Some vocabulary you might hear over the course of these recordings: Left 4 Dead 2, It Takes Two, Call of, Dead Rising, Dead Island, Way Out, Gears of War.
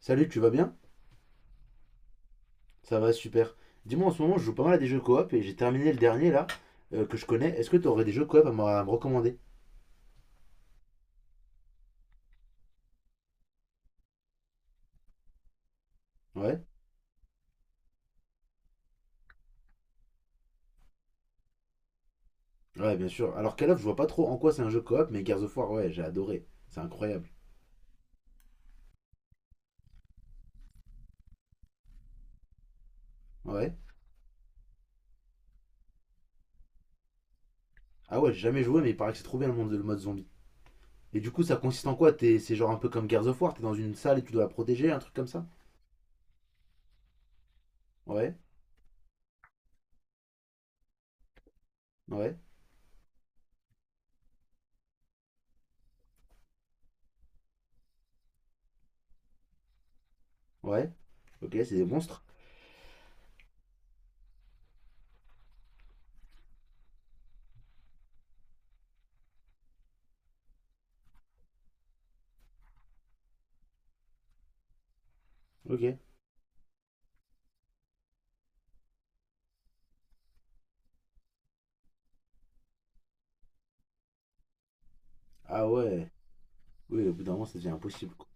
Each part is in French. Salut, tu vas bien? Ça va, super. Dis-moi, en ce moment, je joue pas mal à des jeux coop et j'ai terminé le dernier là, que je connais. Est-ce que tu aurais des jeux coop à me recommander? Ouais? Ouais, bien sûr. Alors, Call of, je vois pas trop en quoi c'est un jeu coop, mais Gears of War, ouais, j'ai adoré. C'est incroyable. Ouais? Ah ouais, j'ai jamais joué, mais il paraît que c'est trop bien le monde, le mode zombie. Et du coup, ça consiste en quoi? T'es, c'est genre un peu comme Gears of War, t'es dans une salle et tu dois la protéger, un truc comme ça? Ouais? Ouais? Ouais? Ok, c'est des monstres? Ok. Ah ouais. Oui, au bout d'un moment, ça devient impossible, quoi.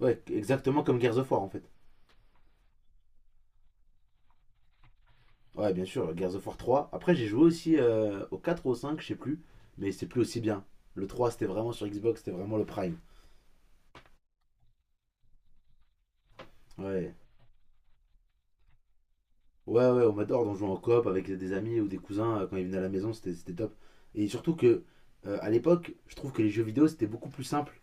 Ouais, exactement comme Gears of War en fait. Ouais, bien sûr, Gears of War 3. Après, j'ai joué aussi au 4 ou au 5, je sais plus, mais c'est plus aussi bien. Le 3, c'était vraiment sur Xbox, c'était vraiment le prime. Ouais. Ouais, ouais, on adore d'en jouer en coop avec des amis ou des cousins quand ils venaient à la maison, c'était top. Et surtout que, à l'époque, je trouve que les jeux vidéo, c'était beaucoup plus simple.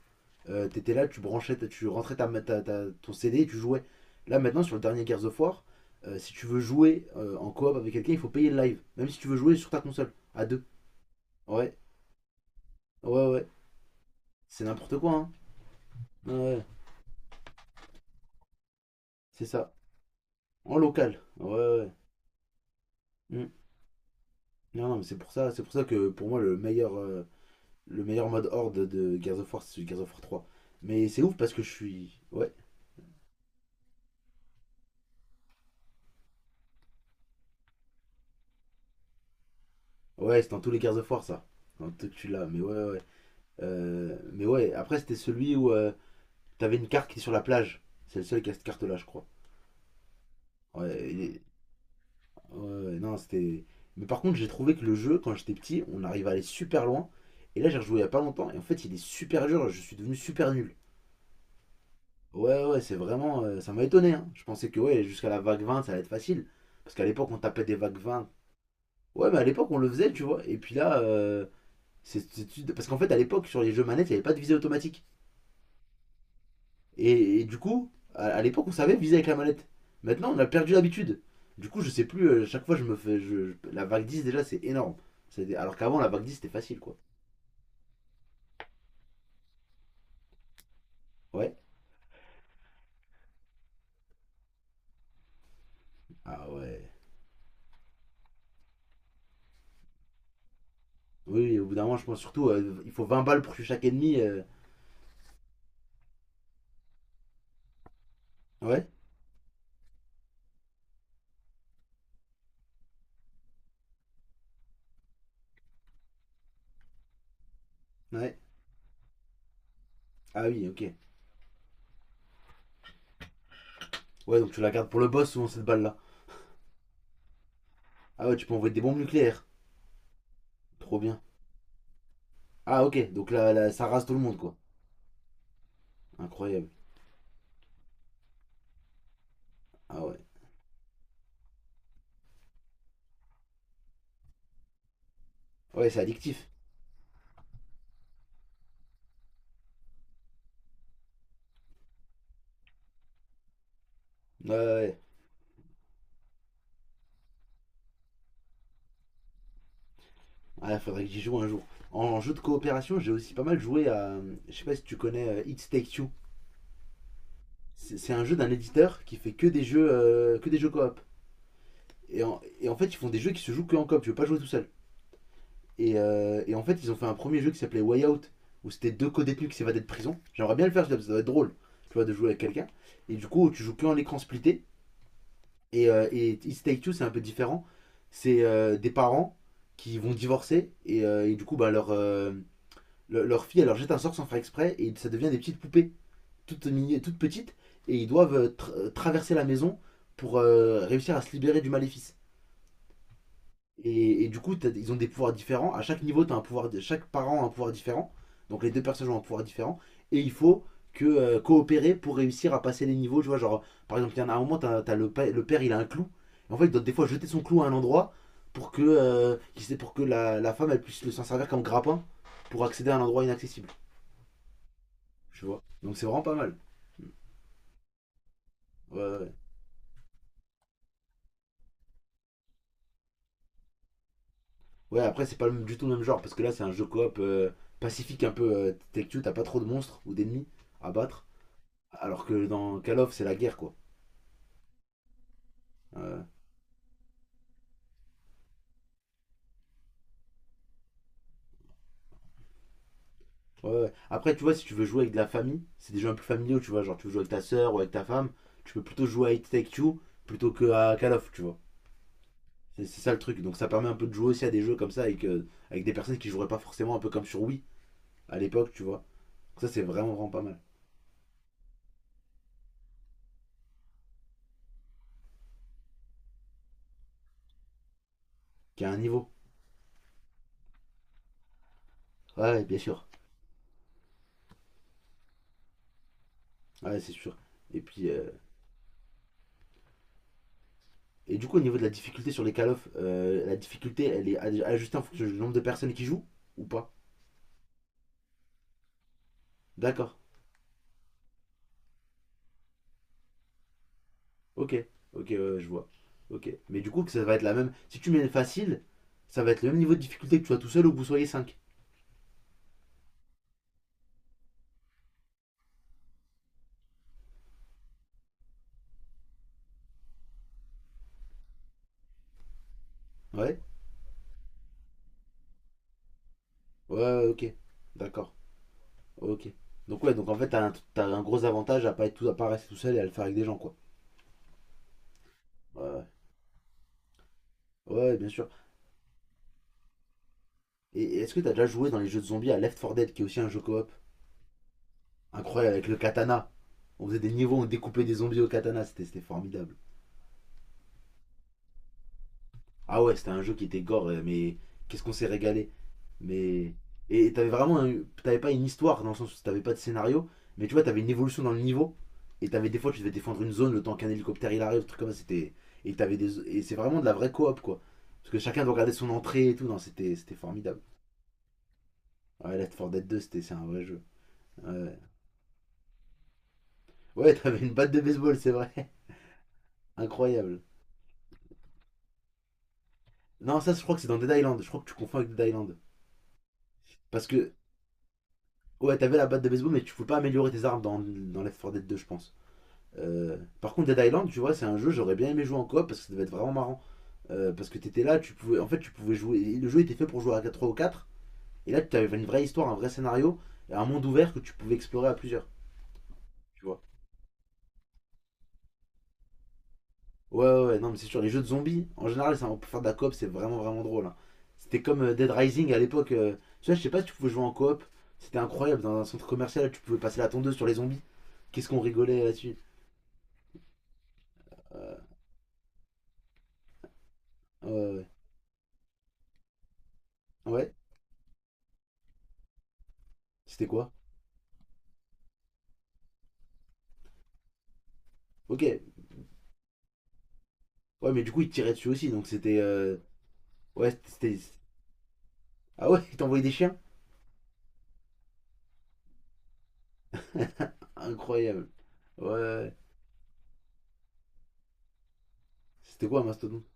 T'étais là, tu branchais, tu rentrais ta, ma- ta- ta- ton CD et tu jouais. Là, maintenant, sur le dernier Gears of War, si tu veux jouer en coop avec quelqu'un, il faut payer le live. Même si tu veux jouer sur ta console, à deux. Ouais, ouais, ouais. C'est n'importe quoi, hein. Ouais. Ouais. C'est ça. En local. Ouais, ouais. Ouais. Mm. Non, non, mais c'est pour ça que pour moi le meilleur mode horde de Gears of War, c'est Gears of War 3. Mais c'est ouf parce que je suis. Ouais. Ouais, c'est dans tous les Gears of War ça. Dans tout que tu l'as, mais ouais, ouais. Mais ouais, après c'était celui où t'avais une carte qui est sur la plage. C'est le seul qui a cette carte-là, je crois. Ouais, ouais, ouais, non, c'était. Mais par contre, j'ai trouvé que le jeu, quand j'étais petit, on arrivait à aller super loin. Et là, j'ai rejoué il y a pas longtemps, et en fait, il est super dur, je suis devenu super nul. Ouais, ouais, c'est vraiment. Ça m'a étonné, hein. Je pensais que ouais, jusqu'à la vague 20 ça allait être facile. Parce qu'à l'époque, on tapait des vagues 20. Ouais, mais à l'époque, on le faisait, tu vois. Et puis là, parce qu'en fait, à l'époque, sur les jeux manettes, il n'y avait pas de visée automatique. Et du coup, à l'époque, on savait viser avec la manette. Maintenant, on a perdu l'habitude. Du coup, je sais plus, chaque fois, je me fais. La vague 10 déjà, c'est énorme. Alors qu'avant, la vague 10 c'était facile, quoi. Ouais. Ah ouais. Oui, oui, au bout d'un moment, je pense surtout, il faut 20 balles pour tuer chaque ennemi. Ouais, ouais. Ah oui, ok. Ouais, donc tu la gardes pour le boss souvent cette balle là. Ah ouais, tu peux envoyer des bombes nucléaires. Trop bien. Ah ok, donc là, là, ça rase tout le monde quoi. Incroyable. Ah ouais. Ouais, c'est addictif. Ouais, ouais. Ouais. Ah, faudrait que j'y joue un jour. En jeu de coopération, j'ai aussi pas mal joué à. Je sais pas si tu connais It Takes Two. C'est un jeu d'un éditeur qui fait que des jeux, que des jeux coop. Et en fait, ils font des jeux qui se jouent que en coop. Tu veux pas jouer tout seul. Et en fait, ils ont fait un premier jeu qui s'appelait Way Out, où c'était deux co-détenus qui s'évadaient de prison. J'aimerais bien le faire, ça doit être drôle, tu vois, de jouer avec quelqu'un. Et du coup, tu joues que en écran splitté. Et It's Take Two, c'est un peu différent. C'est des parents qui vont divorcer, et du coup, bah, leur fille, elle leur jette un sort sans faire exprès, et ça devient des petites poupées, toutes petites, et ils doivent traverser la maison pour réussir à se libérer du maléfice. Et du coup, ils ont des pouvoirs différents. À chaque niveau, t'as un pouvoir, chaque parent a un pouvoir différent. Donc les deux personnages ont un pouvoir différent. Et il faut que coopérer pour réussir à passer les niveaux. Tu vois, genre, par exemple, il y en a un moment, t'as le père, il a un clou. Et en fait, il doit des fois jeter son clou à un endroit pour que la femme, elle puisse le s'en servir comme grappin pour accéder à un endroit inaccessible. Tu vois. Donc c'est vraiment pas mal. Ouais, ouais. Ouais, ouais, après, c'est pas du tout le même genre. Parce que là, c'est un jeu coop pacifique un peu tech-tu. T'as pas trop de monstres ou d'ennemis à battre. Alors que dans Call of, c'est la guerre, quoi. Euh, ouais, ouais. Après, tu vois, si tu veux jouer avec de la famille, c'est des jeux un peu familiaux, tu vois. Genre, tu veux jouer avec ta soeur ou avec ta femme, tu peux plutôt jouer à It Take Two plutôt que à Call of, tu vois. C'est ça le truc. Donc, ça permet un peu de jouer aussi à des jeux comme ça avec des personnes qui joueraient pas forcément un peu comme sur Wii à l'époque, tu vois. Donc, ça, c'est vraiment, vraiment pas mal. Qui a un niveau. Ouais, ouais, bien sûr. Ouais, c'est sûr. Et puis, et du coup, au niveau de la difficulté sur les Call of, la difficulté, elle est ajustée en fonction du nombre de personnes qui jouent ou pas. D'accord. Ok, ok, ouais, ouais, je vois. Ok. Mais du coup, que ça va être la même. Si tu mets facile, ça va être le même niveau de difficulté que tu sois tout seul ou que vous soyez cinq. Ouais? Ouais, ouais, ok. D'accord. Ok. Donc, ouais, donc en fait, t'as un gros avantage à pas rester tout seul et à le faire avec des gens, quoi. Ouais, ouais, ouais, bien sûr. Et est-ce que t'as déjà joué dans les jeux de zombies à Left 4 Dead, qui est aussi un jeu coop incroyable avec le katana? On faisait des niveaux, on découpait des zombies au katana, c'était formidable. Ah ouais, c'était un jeu qui était gore, mais qu'est-ce qu'on s'est régalé. Mais. Et t'avais vraiment. T'avais pas une histoire dans le sens où t'avais pas de scénario, mais tu vois, t'avais une évolution dans le niveau. Et t'avais des fois, tu devais défendre une zone le temps qu'un hélicoptère il arrive, truc comme ça. C'était. Et t'avais des. Et c'est vraiment de la vraie coop quoi. Parce que chacun doit garder son entrée et tout. Non, c'était formidable. Ouais, Left 4 Dead 2, c'est un vrai jeu. Ouais, ouais t'avais une batte de baseball, c'est vrai. Incroyable. Non, ça, je crois que c'est dans Dead Island. Je crois que tu confonds avec Dead Island. Parce que, ouais, t'avais la batte de baseball, mais tu pouvais pas améliorer tes armes dans Left 4 Dead 2, je pense. Par contre, Dead Island, tu vois, c'est un jeu, j'aurais bien aimé jouer en coop parce que ça devait être vraiment marrant. Parce que t'étais là, en fait, tu pouvais jouer. Le jeu était fait pour jouer à 3 ou quatre. Et là, tu avais une vraie histoire, un vrai scénario et un monde ouvert que tu pouvais explorer à plusieurs. Tu vois. Ouais, ouais, ouais, non, mais c'est sûr. Les jeux de zombies, en général, ça, pour faire de la coop, c'est vraiment, vraiment drôle, hein. C'était comme Dead Rising à l'époque. Tu vois, je sais pas si tu pouvais jouer en coop. C'était incroyable. Dans un centre commercial, là, tu pouvais passer la tondeuse sur les zombies. Qu'est-ce qu'on rigolait là-dessus. Euh, ouais, ouais. Ouais, c'était quoi? Ok. Ouais, mais du coup, il te tirait dessus aussi, donc c'était. Ouais, c'était. Ah ouais, il t'envoyait des chiens? Incroyable. Ouais. C'était quoi un mastodonte?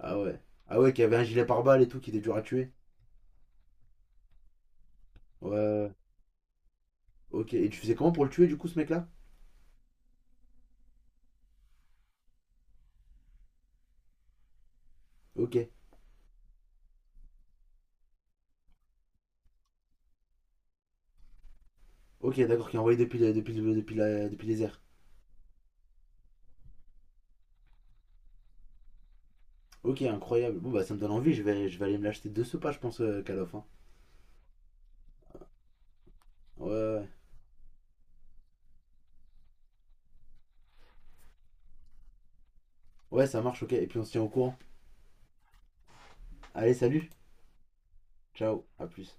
Ah ouais. Ah ouais, qui avait un gilet pare-balles et tout, qui était dur à tuer. Ouais. Ok. Et tu faisais comment pour le tuer, du coup, ce mec-là? Ok. Ok, d'accord, qui envoyait depuis, le- depuis, le- depuis, la- depuis les airs. Ok, incroyable. Bon, bah, ça me donne envie, je vais aller me l'acheter de ce pas, je pense, Call of, hein. Ouais, ouais. Ouais, ça marche, ok. Et puis, on se tient au courant. Allez, salut. Ciao. À plus.